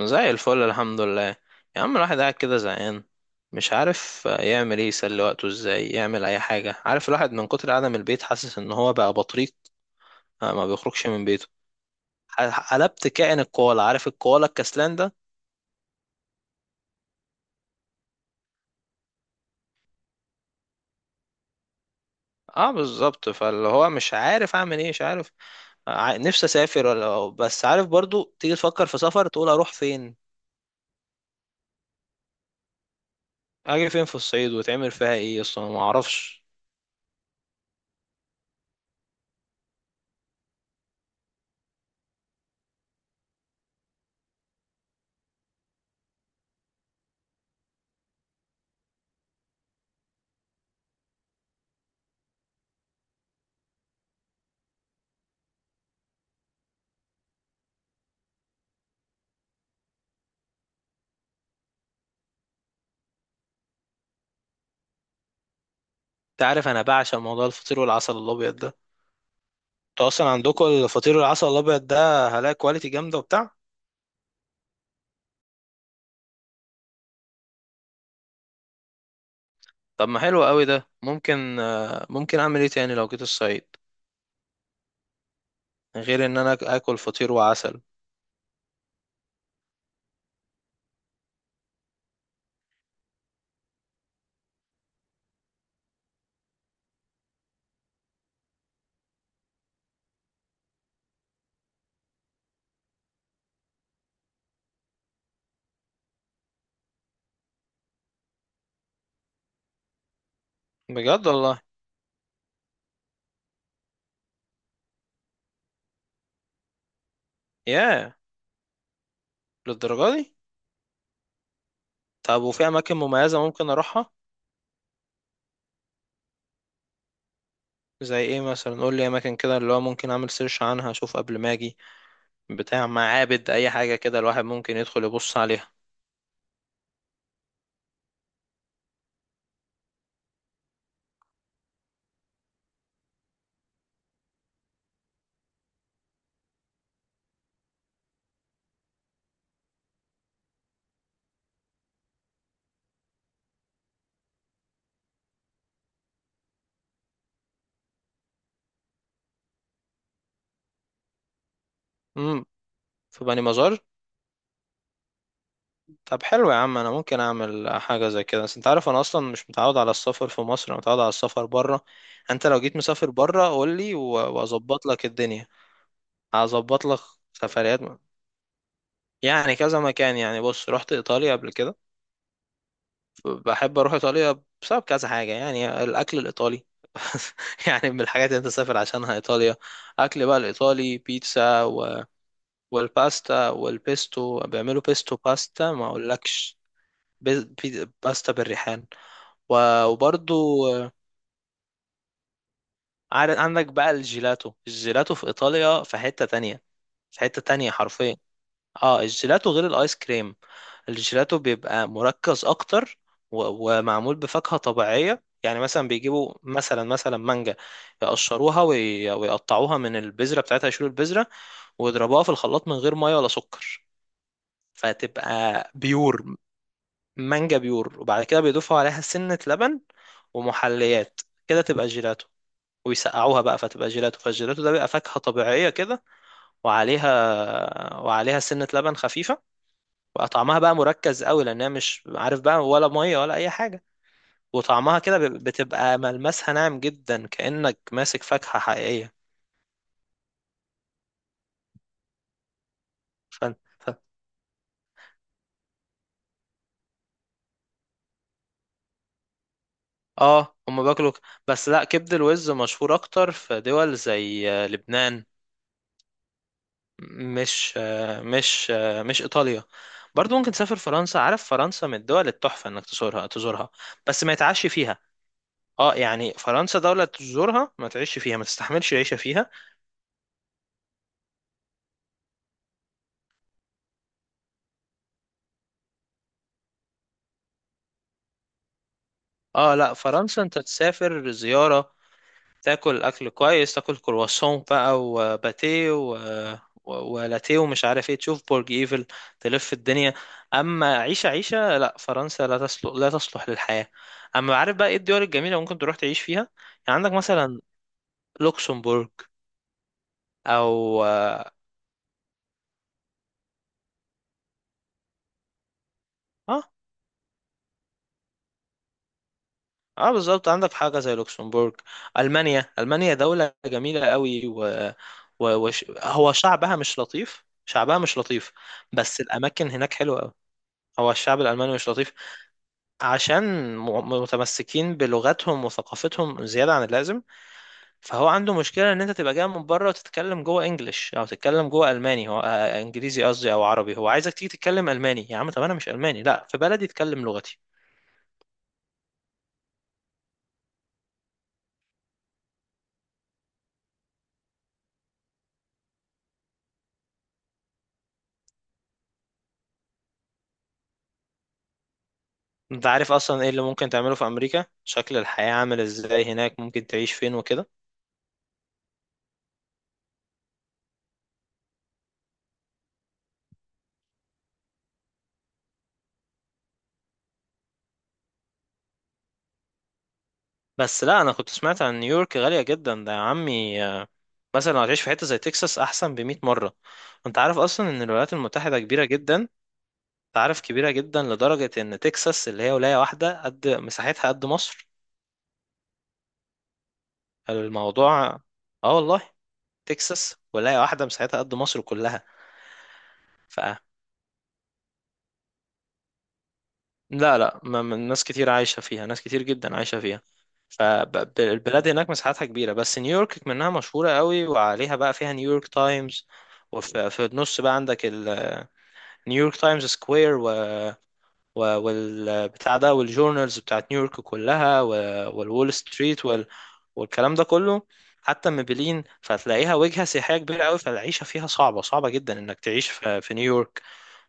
زي الفل الحمد لله. يا عم الواحد قاعد كده زهقان، مش عارف يعمل ايه، يسلي وقته ازاي، يعمل اي حاجة. عارف الواحد من كتر قعدة البيت حاسس ان هو بقى بطريق، ما بيخرجش من بيته. قلبت كائن الكوالا، عارف الكوالا الكسلان ده. اه بالظبط، فاللي هو مش عارف اعمل ايه، مش عارف. نفسي اسافر ولا، بس عارف برضو تيجي تفكر في سفر تقول اروح فين. اجي فين في الصعيد وتعمل فيها ايه اصلا، ما اعرفش. انت عارف انا بعشق موضوع الفطير والعسل الابيض ده. انتوا اصلا عندكم الفطير العسل الابيض ده، هلاقي كواليتي جامده وبتاع؟ طب ما حلو قوي ده، ممكن اعمل ايه تاني لو جيت الصعيد، غير ان انا اكل فطير وعسل؟ بجد والله. ياه، للدرجه دي؟ طب وفي اماكن مميزه ممكن اروحها؟ زي ايه مثلا؟ قول لي اماكن كده اللي هو ممكن اعمل سيرش عنها اشوف قبل ما اجي، بتاع معابد اي حاجه كده الواحد ممكن يدخل يبص عليها. امم. في بني مزار؟ طب حلو يا عم، انا ممكن اعمل حاجه زي كده، بس انت عارف انا اصلا مش متعود على السفر في مصر، انا متعود على السفر بره. انت لو جيت مسافر بره قول لي، واظبط لك الدنيا، هظبط لك. سفريات م- يعني كذا مكان. يعني بص، رحت ايطاليا قبل كده. بحب اروح ايطاليا بسبب كذا حاجه، يعني الاكل الايطالي. يعني من الحاجات اللي انت سافر عشانها ايطاليا. اكل بقى الايطالي، بيتزا والباستا والبيستو، بيعملوا بيستو باستا ما اقولكش. باستا بالريحان. وبرضو عارف عندك بقى الجيلاتو، الجيلاتو في ايطاليا في حتة تانية، في حتة تانية حرفيا. اه، الجيلاتو غير الايس كريم. الجيلاتو بيبقى مركز اكتر، ومعمول بفاكهة طبيعية. يعني مثلا بيجيبوا مثلا مانجا، يقشروها ويقطعوها من البذرة بتاعتها، يشيلوا البذرة ويضربوها في الخلاط من غير مية ولا سكر. فتبقى بيور، مانجا بيور، وبعد كده بيضيفوا عليها سنة لبن ومحليات. كده تبقى جيلاتو، ويسقعوها بقى فتبقى جيلاتو. فالجيلاتو ده بيبقى فاكهة طبيعية كده، وعليها سنة لبن خفيفة، بقى طعمها بقى مركز قوي، لأنها مش عارف بقى ولا مية ولا أي حاجة. وطعمها كده بتبقى ملمسها ناعم جدا كأنك ماسك فاكهة حقيقية. ف... ف... اه، هم بياكلوا بس لا، كبد الوز مشهور أكتر في دول زي لبنان، مش إيطاليا. برضو ممكن تسافر فرنسا. عارف، فرنسا من الدول التحفة إنك تزورها تزورها، بس ما يتعشي فيها. اه يعني فرنسا دولة تزورها ما تعيش فيها، ما تستحملش العيشة فيها. اه لا، فرنسا انت تسافر زيارة، تاكل اكل كويس، تاكل كرواسون بقى وباتيه ولاتيه ومش عارف ايه، تشوف برج ايفل، تلف الدنيا. اما عيشة، عيشة لا، فرنسا لا تصلح، لا تصلح للحياة. اما عارف بقى ايه الدول الجميلة ممكن تروح تعيش فيها؟ يعني عندك مثلا لوكسمبورغ، او... اه، اه بالظبط، عندك حاجه زي لوكسمبورغ. المانيا، المانيا دوله جميله قوي، هو شعبها مش لطيف، شعبها مش لطيف، بس الاماكن هناك حلوه قوي. هو الشعب الالماني مش لطيف عشان م... متمسكين بلغتهم وثقافتهم زياده عن اللازم. فهو عنده مشكله ان انت تبقى جاي من بره وتتكلم جوه انجليش، او تتكلم جوه الماني، هو انجليزي قصدي او عربي، هو عايزك تيجي تتكلم الماني. يا عم، طب انا مش الماني، لا في بلدي اتكلم لغتي. انت عارف اصلا ايه اللي ممكن تعمله في امريكا؟ شكل الحياة عامل ازاي هناك؟ ممكن تعيش فين وكده؟ بس لا، انا كنت سمعت عن نيويورك غالية جدا ده يا عمي. مثلا لو هتعيش في حتة زي تكساس احسن ب100 مرة. انت عارف اصلا ان الولايات المتحدة كبيرة جدا؟ انت عارف كبيرة جدا لدرجة ان تكساس اللي هي ولاية واحدة قد مساحتها قد مصر، الموضوع. اه والله، تكساس ولاية واحدة مساحتها قد مصر كلها. لا لا، ناس كتير عايشة فيها، ناس كتير جدا عايشة فيها. فالبلاد هناك مساحتها كبيرة، بس نيويورك منها مشهورة قوي وعليها بقى، فيها نيويورك تايمز، وفي النص بقى عندك نيويورك تايمز سكوير والبتاع ده والجورنالز بتاعت نيويورك كلها والول ستريت والكلام ده كله. حتى ميبلين فتلاقيها وجهة سياحية كبيرة قوي، فالعيشة فيها صعبة، صعبة جدا انك تعيش في نيويورك.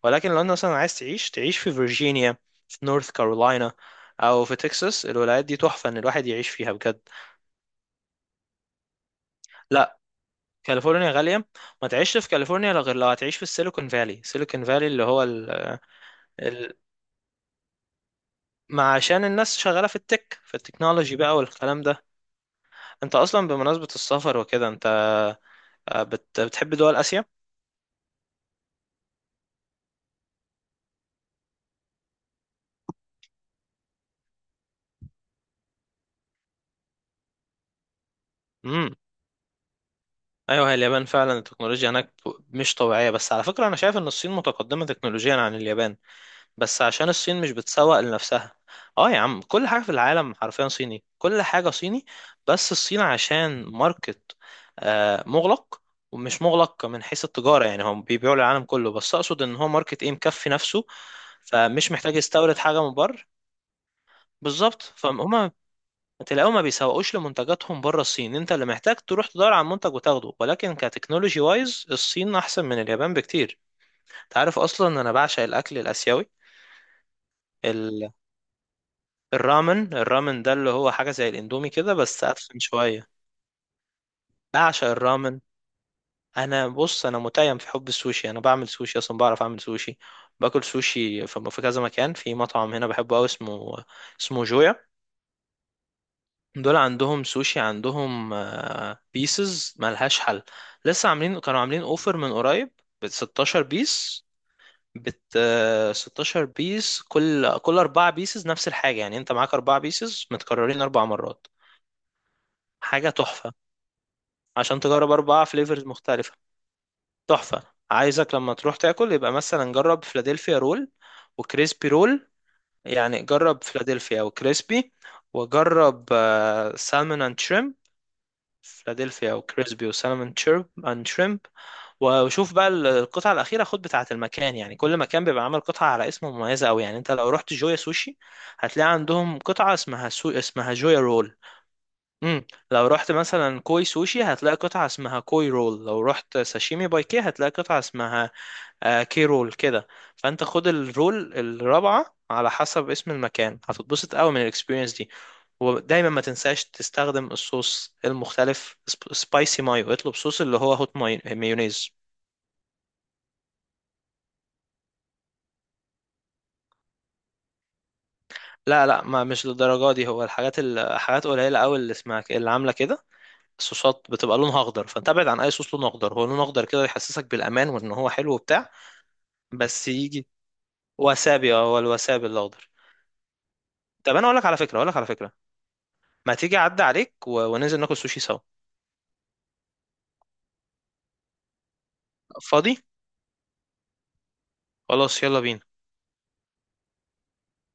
ولكن لو انت مثلا عايز تعيش، تعيش في فيرجينيا، في نورث كارولاينا، او في تكساس. الولايات دي تحفة ان الواحد يعيش فيها بجد. لا، كاليفورنيا غالية، ما تعيش في كاليفورنيا لا، غير لو هتعيش في السيليكون فالي، سيليكون فالي اللي هو ال... ما عشان الناس شغالة في التكنولوجي بقى والكلام ده. انت اصلا، بمناسبة السفر وكده، انت بتحب دول اسيا؟ امم. ايوه، هي اليابان فعلا التكنولوجيا هناك مش طبيعية، بس على فكرة انا شايف ان الصين متقدمة تكنولوجيا عن اليابان، بس عشان الصين مش بتسوق لنفسها. اه يا عم، كل حاجة في العالم حرفيا صيني، كل حاجة صيني. بس الصين عشان ماركت مغلق، ومش مغلق من حيث التجارة، يعني هم بيبيعوا للعالم كله، بس اقصد ان هو ماركت ايه مكفي نفسه، فمش محتاج يستورد حاجة من بره. بالظبط. فهم تلاقيهم ما بيسوقوش لمنتجاتهم بره الصين، انت اللي محتاج تروح تدور على منتج وتاخده. ولكن كتكنولوجي وايز، الصين احسن من اليابان بكتير. تعرف اصلا ان انا بعشق الاكل الاسيوي؟ الرامن، الرامن ده اللي هو حاجة زي الاندومي كده، بس أدفن شوية. بعشق الرامن. أنا بص، أنا متيم في حب السوشي، أنا بعمل سوشي أصلا، بعرف أعمل سوشي. باكل سوشي في كذا مكان، في مطعم هنا بحبه أوي اسمه جويا. دول عندهم سوشي، عندهم بيسز ملهاش حل. لسه عاملين كانوا عاملين اوفر من قريب ب 16 بيس. بت آه، 16 بيس، كل اربعة بيسز نفس الحاجة، يعني انت معاك اربعة بيسز متكررين اربع مرات. حاجة تحفة، عشان تجرب أربع فليفرز مختلفة. تحفة. عايزك لما تروح تاكل يبقى مثلا جرب فلادلفيا رول وكريسبي رول، يعني جرب فلادلفيا وكريسبي، وجرب سالمون اند شريمب. فلادلفيا وكريسبي وسالمون اند شريمب. وشوف بقى القطعة الأخيرة، خد بتاعة المكان، يعني كل مكان بيبقى عامل قطعة على اسم مميزة أوي. يعني أنت لو رحت جويا سوشي هتلاقي عندهم قطعة اسمها اسمها جويا رول. امم. لو رحت مثلا كوي سوشي هتلاقي قطعة اسمها كوي رول. لو رحت ساشيمي باي كي هتلاقي قطعة اسمها كي رول كده. فانت خد الرول الرابعة على حسب اسم المكان، هتتبسط قوي من الاكسبيرينس دي. ودايما ما تنساش تستخدم الصوص المختلف، سبايسي مايو، اطلب صوص اللي هو هوت مايونيز. لا لا، ما مش للدرجة دي، هو الحاجات، قليلة قوي اللي اسمها اللي عاملة كده. الصوصات بتبقى لونها اخضر، فانت ابعد عن اي صوص لونه اخضر. هو لونه اخضر كده يحسسك بالامان وان هو حلو وبتاع، بس يجي وسابي. اه هو الوسابي الاخضر. طب انا اقول لك على فكره، اقول لك على فكره، ما تيجي اعدي عليك وننزل ناكل سوشي سوا. فاضي، خلاص يلا بينا.